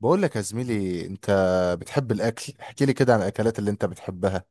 بقول لك يا زميلي، انت بتحب الاكل. احكي لي كده عن الاكلات اللي انت بتحبها.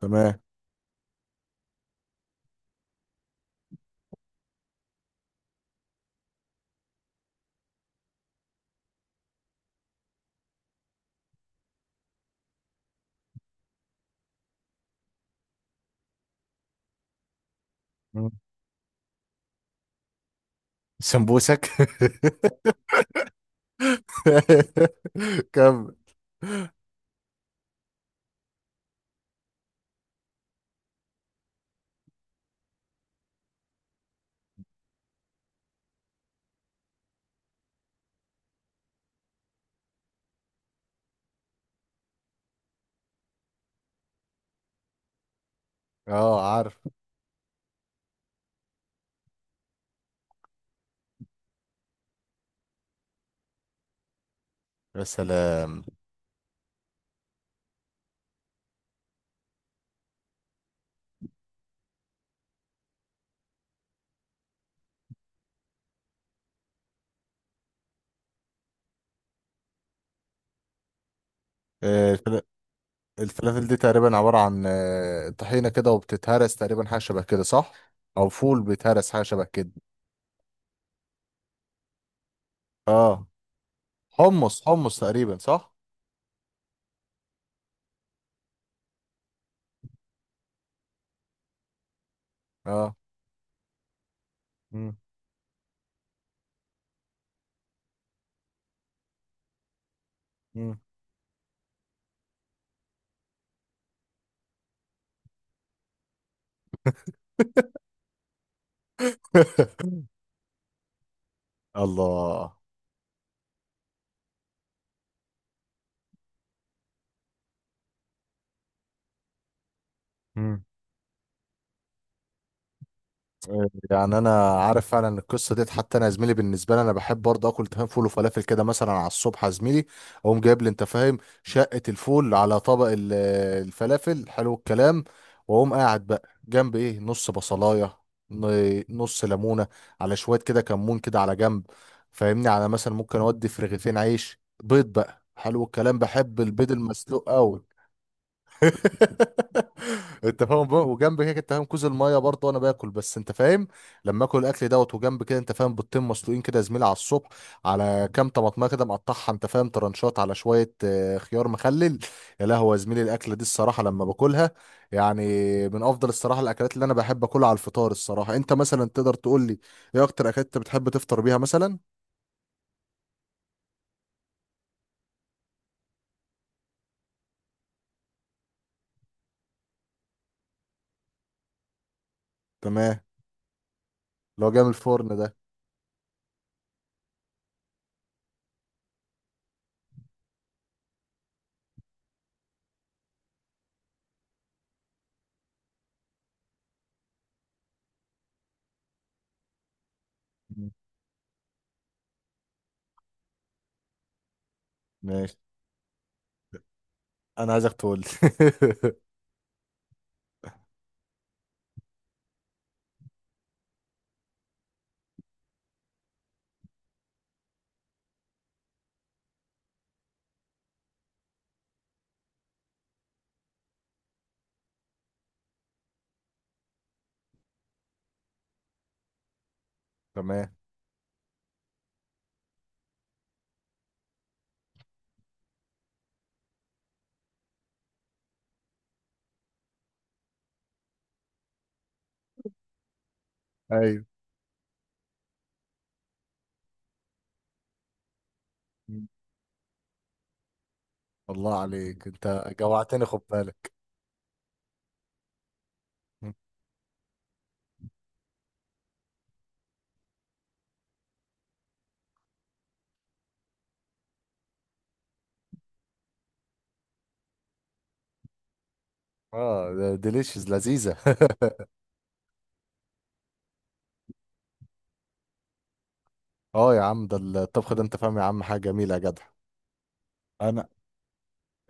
تمام. مم. سمبوسك. كم؟ اه، عارف. يا سلام. آه، الفلا- الفلافل دي تقريبا عبارة عن طحينة كده وبتتهرس تقريبا حاجة شبه كده، صح؟ او فول بيتهرس حاجة شبه كده. اه. حمص حمص تقريبا، صح؟ اه. مم. مم. الله. يعني انا عارف فعلا إن القصه ديت. حتى انا يا زميلي، بالنسبه لي انا بحب برضه اكل تفاهم فول وفلافل كده، مثلا على الصبح يا زميلي. اقوم جايب لي، انت فاهم، شقه الفول على طبق الفلافل. حلو الكلام. واقوم قاعد بقى جنب ايه نص بصلايه، نص ليمونه، على شويه كده كمون كده على جنب. فاهمني، على مثلا ممكن اودي في رغيفين عيش بيض بقى. حلو الكلام. بحب البيض المسلوق قوي. انت فاهم بقى؟ وجنب كده انت فاهم كوز الميه برضه، وانا باكل، بس انت فاهم لما اكل الاكل دوت، وجنب كده انت فاهم بيضتين مسلوقين كده يا زميلي على الصبح، على كام طماطميه كده، مقطعها انت فاهم ترنشات، على شويه خيار مخلل. يا لهوي يا زميلي، الاكله دي الصراحه لما باكلها، يعني، من افضل الصراحه الاكلات اللي انا بحب اكلها على الفطار. الصراحه انت مثلا تقدر تقول لي ايه اكتر اكلات انت بتحب تفطر بيها مثلا؟ تمام. اللي هو جاي من الفرن ده. مم. ماشي. انا عايزك تقول لي. تمام. ايوه. الله عليك، انت جوعتني، خد بالك. اه، ديليشيز لذيذة. اه يا عم، ده الطبخ ده انت فاهم يا عم حاجة جميلة يا جدع. انا،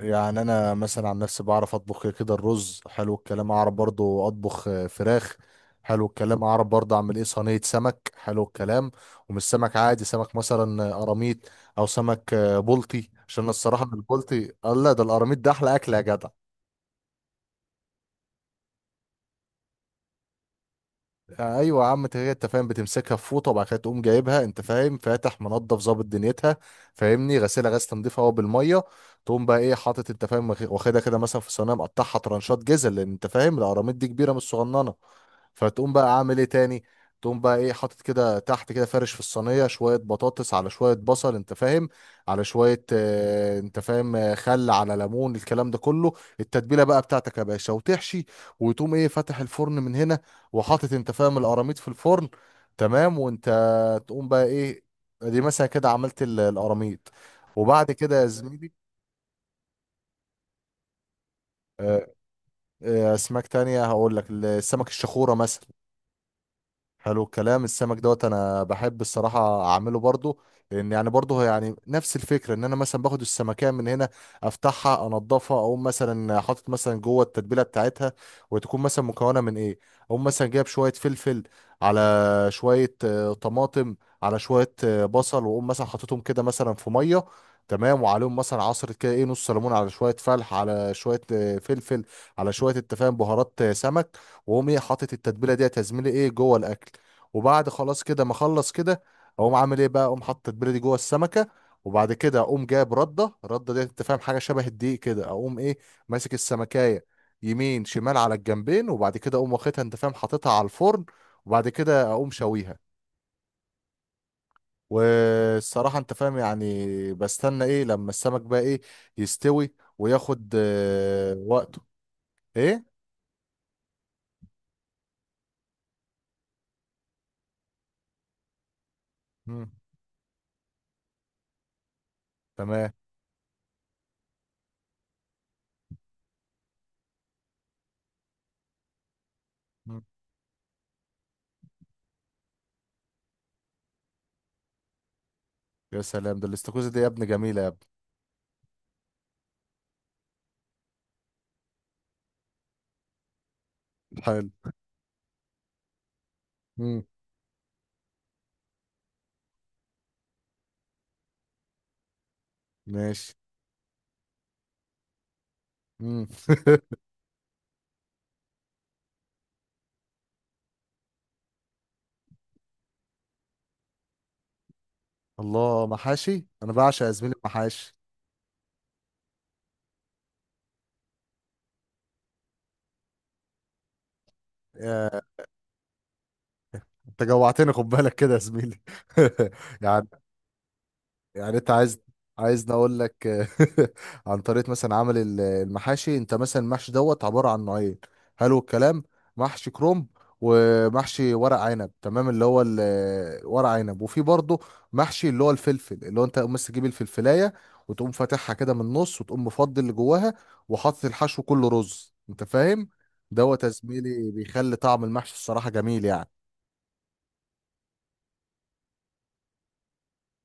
يعني انا مثلا عن نفسي بعرف اطبخ كده الرز. حلو الكلام. اعرف برضو اطبخ فراخ. حلو الكلام. اعرف برضو اعمل ايه صينية سمك. حلو الكلام. ومش سمك عادي، سمك مثلا قراميط، او سمك بلطي. عشان الصراحة من البلطي، الله ده القراميط ده احلى اكل يا جدع. ايوه يا عم، انت هي انت فاهم بتمسكها في فوطه، وبعد كده تقوم جايبها انت فاهم فاتح منضف ظابط دنيتها. فاهمني، غسيلها غسيل تنظيف هو بالميه. تقوم بقى ايه حاطط انت فاهم واخدها كده مثلا في صينيه، مقطعها ترانشات جزل لان انت فاهم القراميط دي كبيره مش صغننه. فتقوم بقى عامل ايه تاني. تقوم بقى ايه حاطط كده تحت كده، فرش في الصينيه شويه بطاطس، على شويه بصل انت فاهم، على شويه انت فاهم، خل على ليمون الكلام ده كله. التتبيله بقى بتاعتك يا باشا، وتحشي، وتقوم ايه فاتح الفرن من هنا، وحاطط انت فاهم القراميط في الفرن. تمام. وانت تقوم بقى ايه، دي مثلا كده عملت القراميط. وبعد كده يا زميلي، آه، اسماك تانية هقول لك، السمك الشخورة مثلا. حلو الكلام. السمك دوت انا بحب الصراحه اعمله برضو، لان يعني برضو هو يعني نفس الفكره، ان انا مثلا باخد السمكيه من هنا، افتحها، انضفها، اقوم مثلا حاطط مثلا جوه التتبيله بتاعتها. وتكون مثلا مكونه من ايه؟ اقوم مثلا جايب شويه فلفل، على شويه طماطم، على شويه بصل. واقوم مثلا حاططهم كده مثلا في ميه. تمام، وعليهم مثلا عصرة كده ايه نص ليمون، على شوية فلح، على شوية فلفل، على شوية التفاهم بهارات سمك. واقوم ايه حاطط التتبيله ديت يا زميلي ايه جوه الاكل. وبعد خلاص كده ما اخلص كده، اقوم عامل ايه بقى، اقوم حاطط التتبيله دي جوه السمكه. وبعد كده اقوم جايب رده، الرده ديت انت فاهم حاجه شبه الدقيق كده، اقوم ايه ماسك السمكايه، يمين شمال على الجنبين. وبعد كده اقوم واخدها انت فاهم حاططها على الفرن، وبعد كده اقوم شويها. والصراحه انت فاهم يعني بستنى ايه لما السمك بقى ايه يستوي وياخد وقته. ايه. مم. تمام. مم. يا سلام، ده الاستاكوزا دي يا ابني جميله يا. حلو. مم. ماشي. مم. الله، محاشي، انا بعشق يا زميلي المحاشي. يا- انت جوعتني خد بالك كده يا زميلي. يعني يعني انت عايز، عايزني اقول لك؟ عن طريقه مثلا عمل المحاشي، انت مثلا المحشي دوت عباره عن نوعين. حلو الكلام. محشي كروم، ومحشي ورق عنب، تمام، اللي هو ورق عنب. وفي برضه محشي اللي هو الفلفل، اللي هو انت بس تجيب الفلفلايه وتقوم فاتحها كده من النص، وتقوم مفضي اللي جواها، وحاطط الحشو كله رز انت فاهم. دوت يا زميلي بيخلي طعم المحشي الصراحه جميل يعني.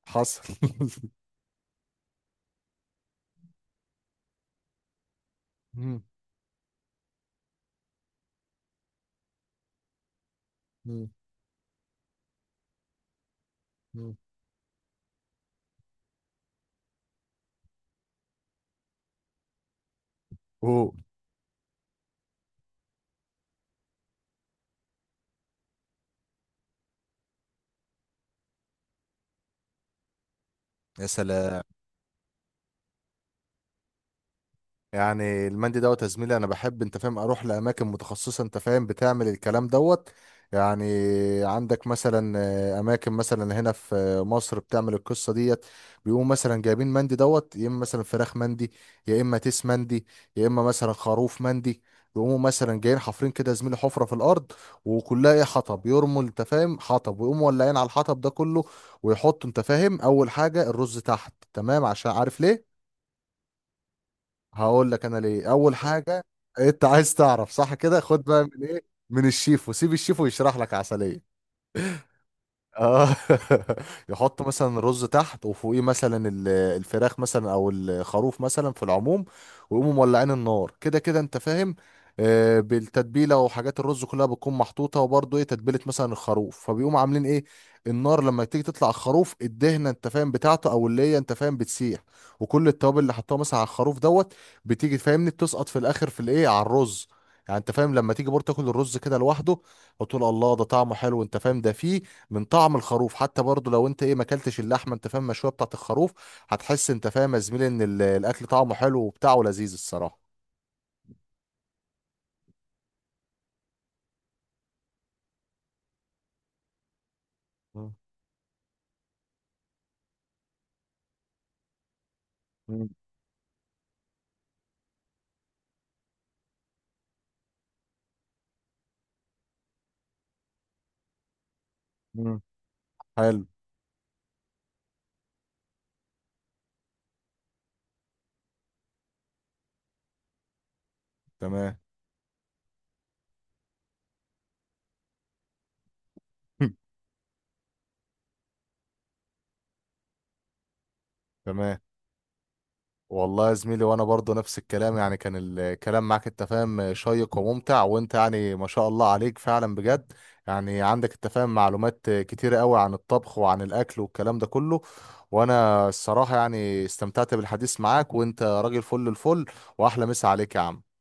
حصل. مم. مم. مم. اوه. يا سلام. يعني المندي دوت يا زميلي، انا بحب انت فاهم اروح لاماكن متخصصه انت فاهم بتعمل الكلام دوت. يعني عندك مثلا اماكن مثلا هنا في مصر بتعمل القصه ديت. بيقوموا مثلا جايبين مندي دوت، يا اما مثلا فراخ مندي، يا اما تيس مندي، يا اما مثلا خروف مندي. يقوموا مثلا جايين حافرين كده يا زميلي حفره في الارض، وكلها ايه حطب، يرموا انت فاهم حطب، ويقوموا ولاعين على الحطب ده كله. ويحطوا انت فاهم اول حاجه الرز تحت، تمام، عشان عارف ليه. هقول لك انا ليه اول حاجه. انت عايز تعرف صح كده؟ خد بقى من ايه، من الشيف، وسيب الشيف ويشرح لك عسليه. اه. يحط مثلا الرز تحت، وفوقيه مثلا الفراخ مثلا او الخروف مثلا في العموم. ويقوموا مولعين النار كده كده انت فاهم، بالتتبيله. وحاجات الرز كلها بتكون محطوطه، وبرضه ايه تتبيله مثلا الخروف، فبيقوموا عاملين ايه النار لما تيجي تطلع الخروف الدهنه انت فاهم بتاعته، او اللي هي انت فاهم بتسيح. وكل التوابل اللي حطوها مثلا على الخروف دوت بتيجي فاهمني بتسقط في الاخر في الايه على الرز. يعني انت فاهم لما تيجي برضه تاكل الرز كده لوحده، وتقول الله ده طعمه حلو انت فاهم، ده فيه من طعم الخروف. حتى برضو لو انت ايه ما اكلتش اللحمه انت فاهم المشويه بتاعت الخروف، هتحس انت فاهم يا زميلي ان الاكل طعمه حلو وبتاعه لذيذ الصراحه. مم. مم. مم. حلو. تمام. تمام. والله يا زميلي، وانا برضو نفس الكلام. يعني كان الكلام معاك انت فاهم شيق وممتع، وانت يعني ما شاء الله عليك فعلا بجد. يعني عندك انت فاهم معلومات كتيرة قوي عن الطبخ وعن الاكل والكلام ده كله. وانا الصراحة يعني استمتعت بالحديث معاك، وانت راجل فل الفل. واحلى مسا عليك يا عم.